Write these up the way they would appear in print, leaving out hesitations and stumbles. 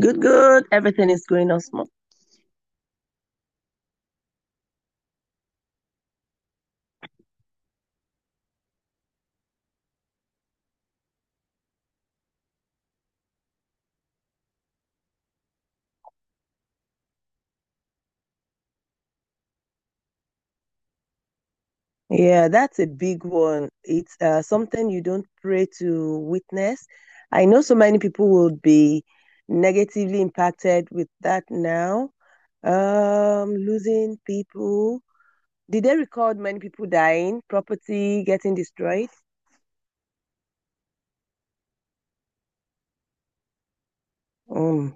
Good, good. Everything is going on smooth. Yeah, that's a big one. It's something you don't pray to witness. I know so many people will be negatively impacted with that now. Losing people. Did they record many people dying, property getting destroyed? Mm,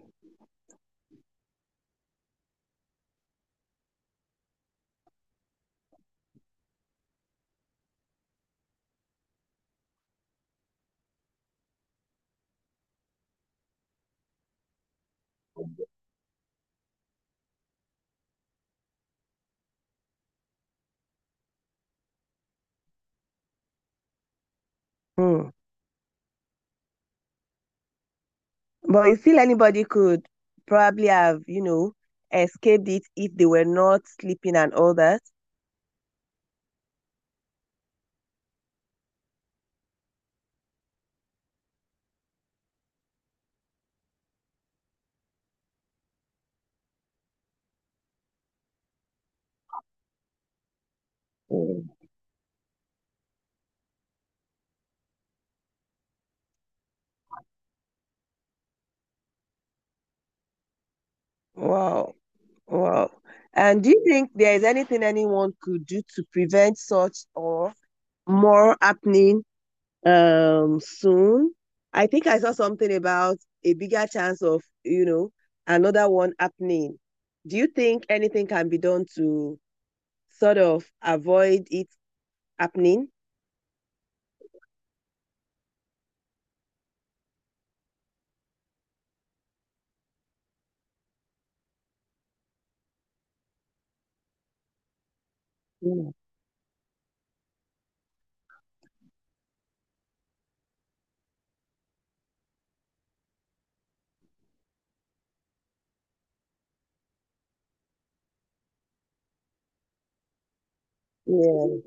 mm. But you feel anybody could probably have, escaped it if they were not sleeping and all that. Mm. Wow. Wow. And do you think there is anything anyone could do to prevent such or more happening soon? I think I saw something about a bigger chance of, another one happening. Do you think anything can be done to sort of avoid it happening? Yeah. Yeah.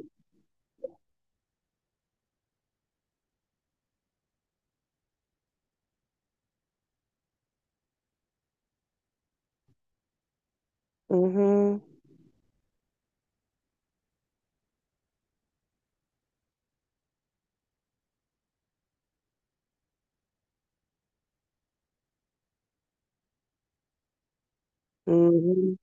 Mm-hmm. Mm-hmm.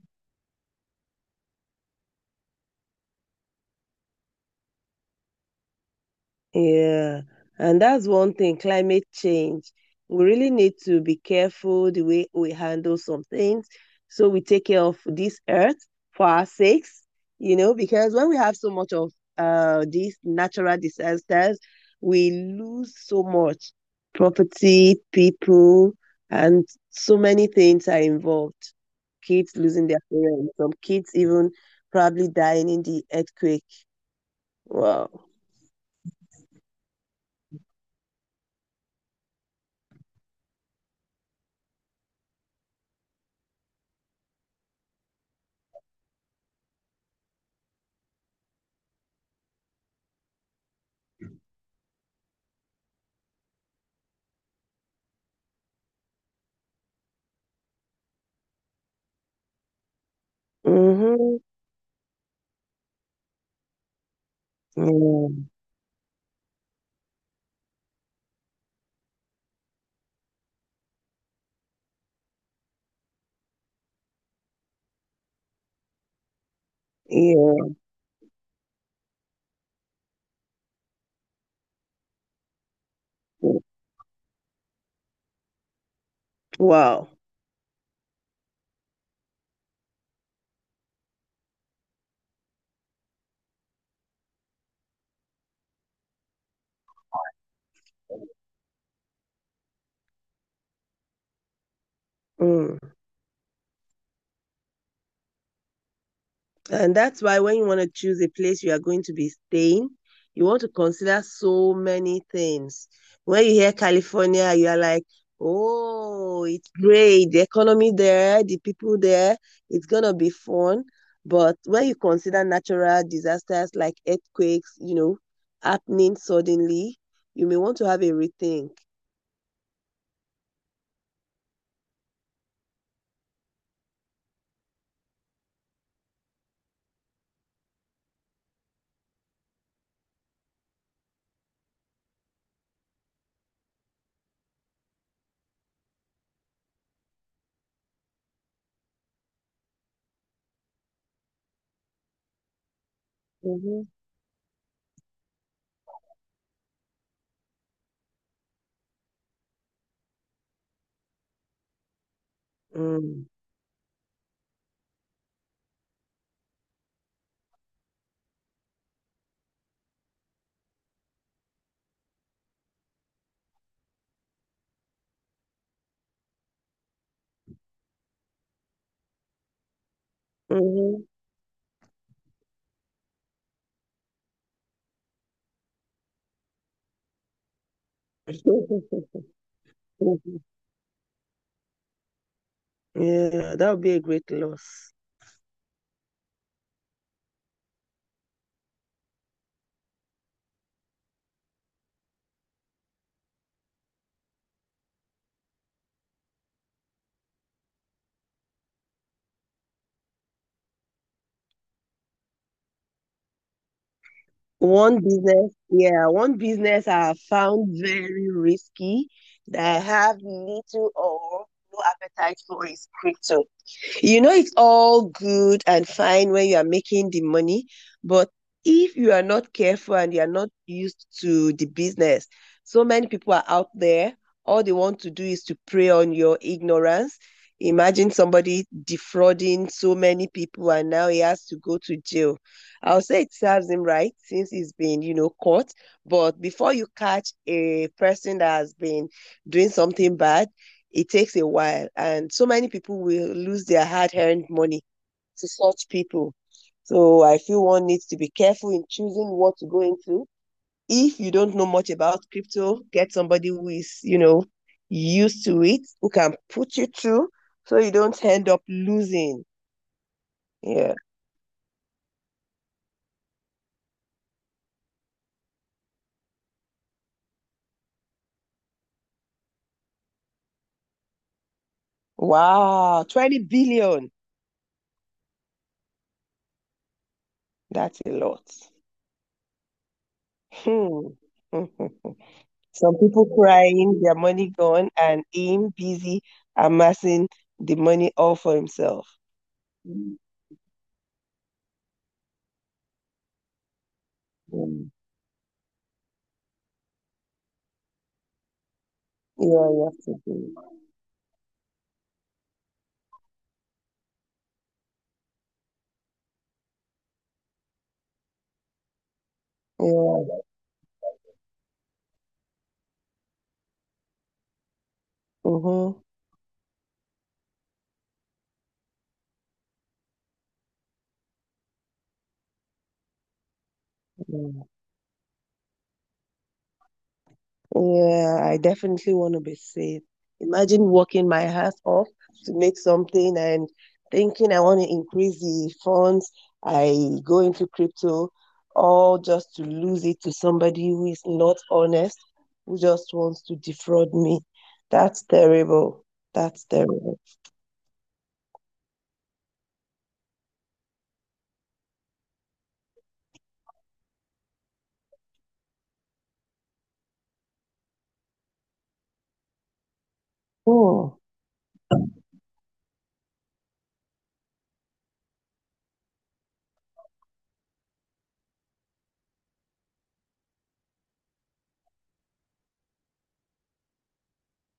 Yeah, and that's one thing, climate change. We really need to be careful the way we handle some things. So we take care of this earth for our sakes, you know, because when we have so much of these natural disasters, we lose so much property, people, and so many things are involved. Kids losing their parents, some kids even probably dying in the earthquake. Wow. Mm-hmm. Yeah. Yeah. Wow. Mm. And that's why when you want to choose a place you are going to be staying, you want to consider so many things. When you hear California, you are like, oh, it's great. The economy there, the people there, it's going to be fun. But when you consider natural disasters like earthquakes, you know, happening suddenly, you may want to have a rethink. Mm-hmm. Mm. Mm-hmm. Yeah, that would be a great loss. One business I found very risky that I have little or no appetite for is crypto. You know, it's all good and fine when you are making the money, but if you are not careful and you are not used to the business, so many people are out there. All they want to do is to prey on your ignorance. Imagine somebody defrauding so many people and now he has to go to jail. I'll say it serves him right since he's been, you know, caught. But before you catch a person that has been doing something bad, it takes a while. And so many people will lose their hard earned money to such people. So I feel one needs to be careful in choosing what to go into. If you don't know much about crypto, get somebody who is, you know, used to it, who can put you through so you don't end up losing. Yeah. Wow, 20 billion. That's a lot. Hmm. Some people crying, their money gone, and him busy amassing the money all for himself. Mm. Yeah, you have to do. Yeah. Mm-hmm. Yeah. Yeah, I definitely want to be safe. Imagine working my ass off to make something and thinking I want to increase the funds. I go into crypto, all just to lose it to somebody who is not honest, who just wants to defraud me. That's terrible. That's terrible. Hmm.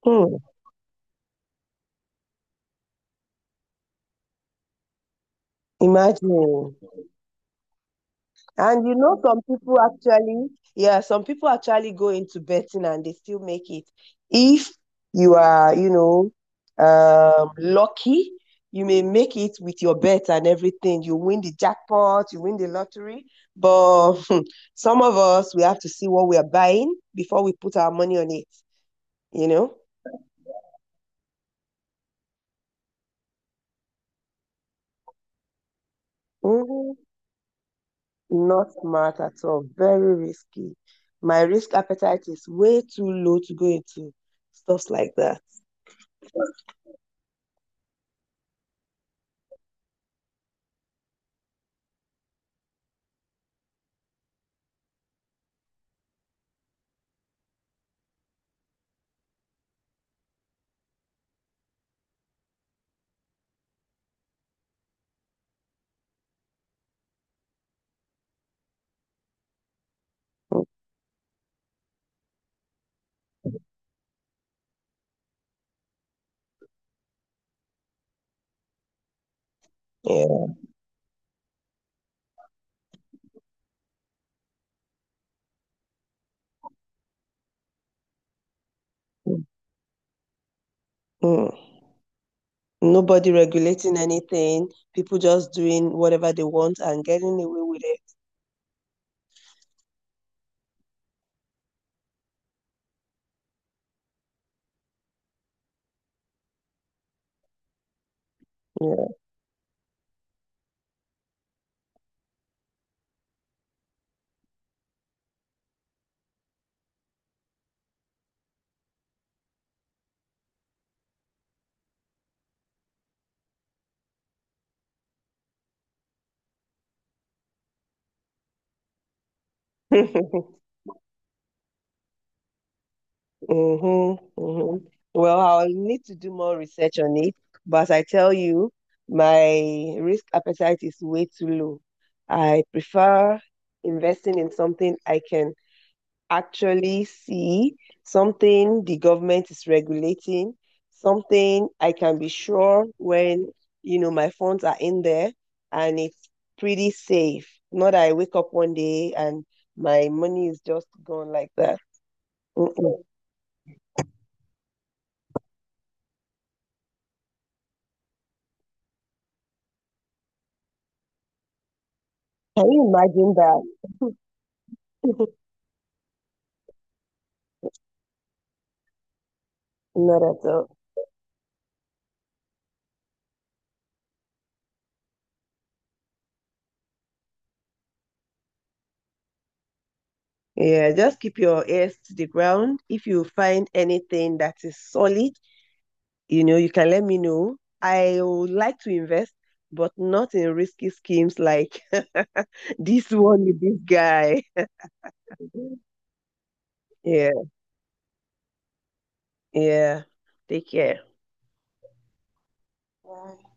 Hmm. Imagine. And you know, some people actually go into betting and they still make it. If you are, lucky, you may make it with your bet and everything. You win the jackpot, you win the lottery. But some of us, we have to see what we are buying before we put our money on it, you know? Mhm. Not smart at all. Very risky. My risk appetite is way too low to go into stuff like that. Yeah. Mm. Nobody regulating anything, people just doing whatever they want and getting away with it. Yeah. Mm-hmm, mm-hmm. Well, I'll need to do more research on it, but I tell you, my risk appetite is way too low. I prefer investing in something I can actually see, something the government is regulating, something I can be sure when, you know, my funds are in there and it's pretty safe. Not that I wake up one day and my money is just gone like that. Mm-mm. Can you imagine that? Not at all. Yeah, just keep your ears to the ground. If you find anything that is solid, you know, you can let me know. I would like to invest, but not in risky schemes like this one with this guy. Yeah, yeah. Take care. Bye.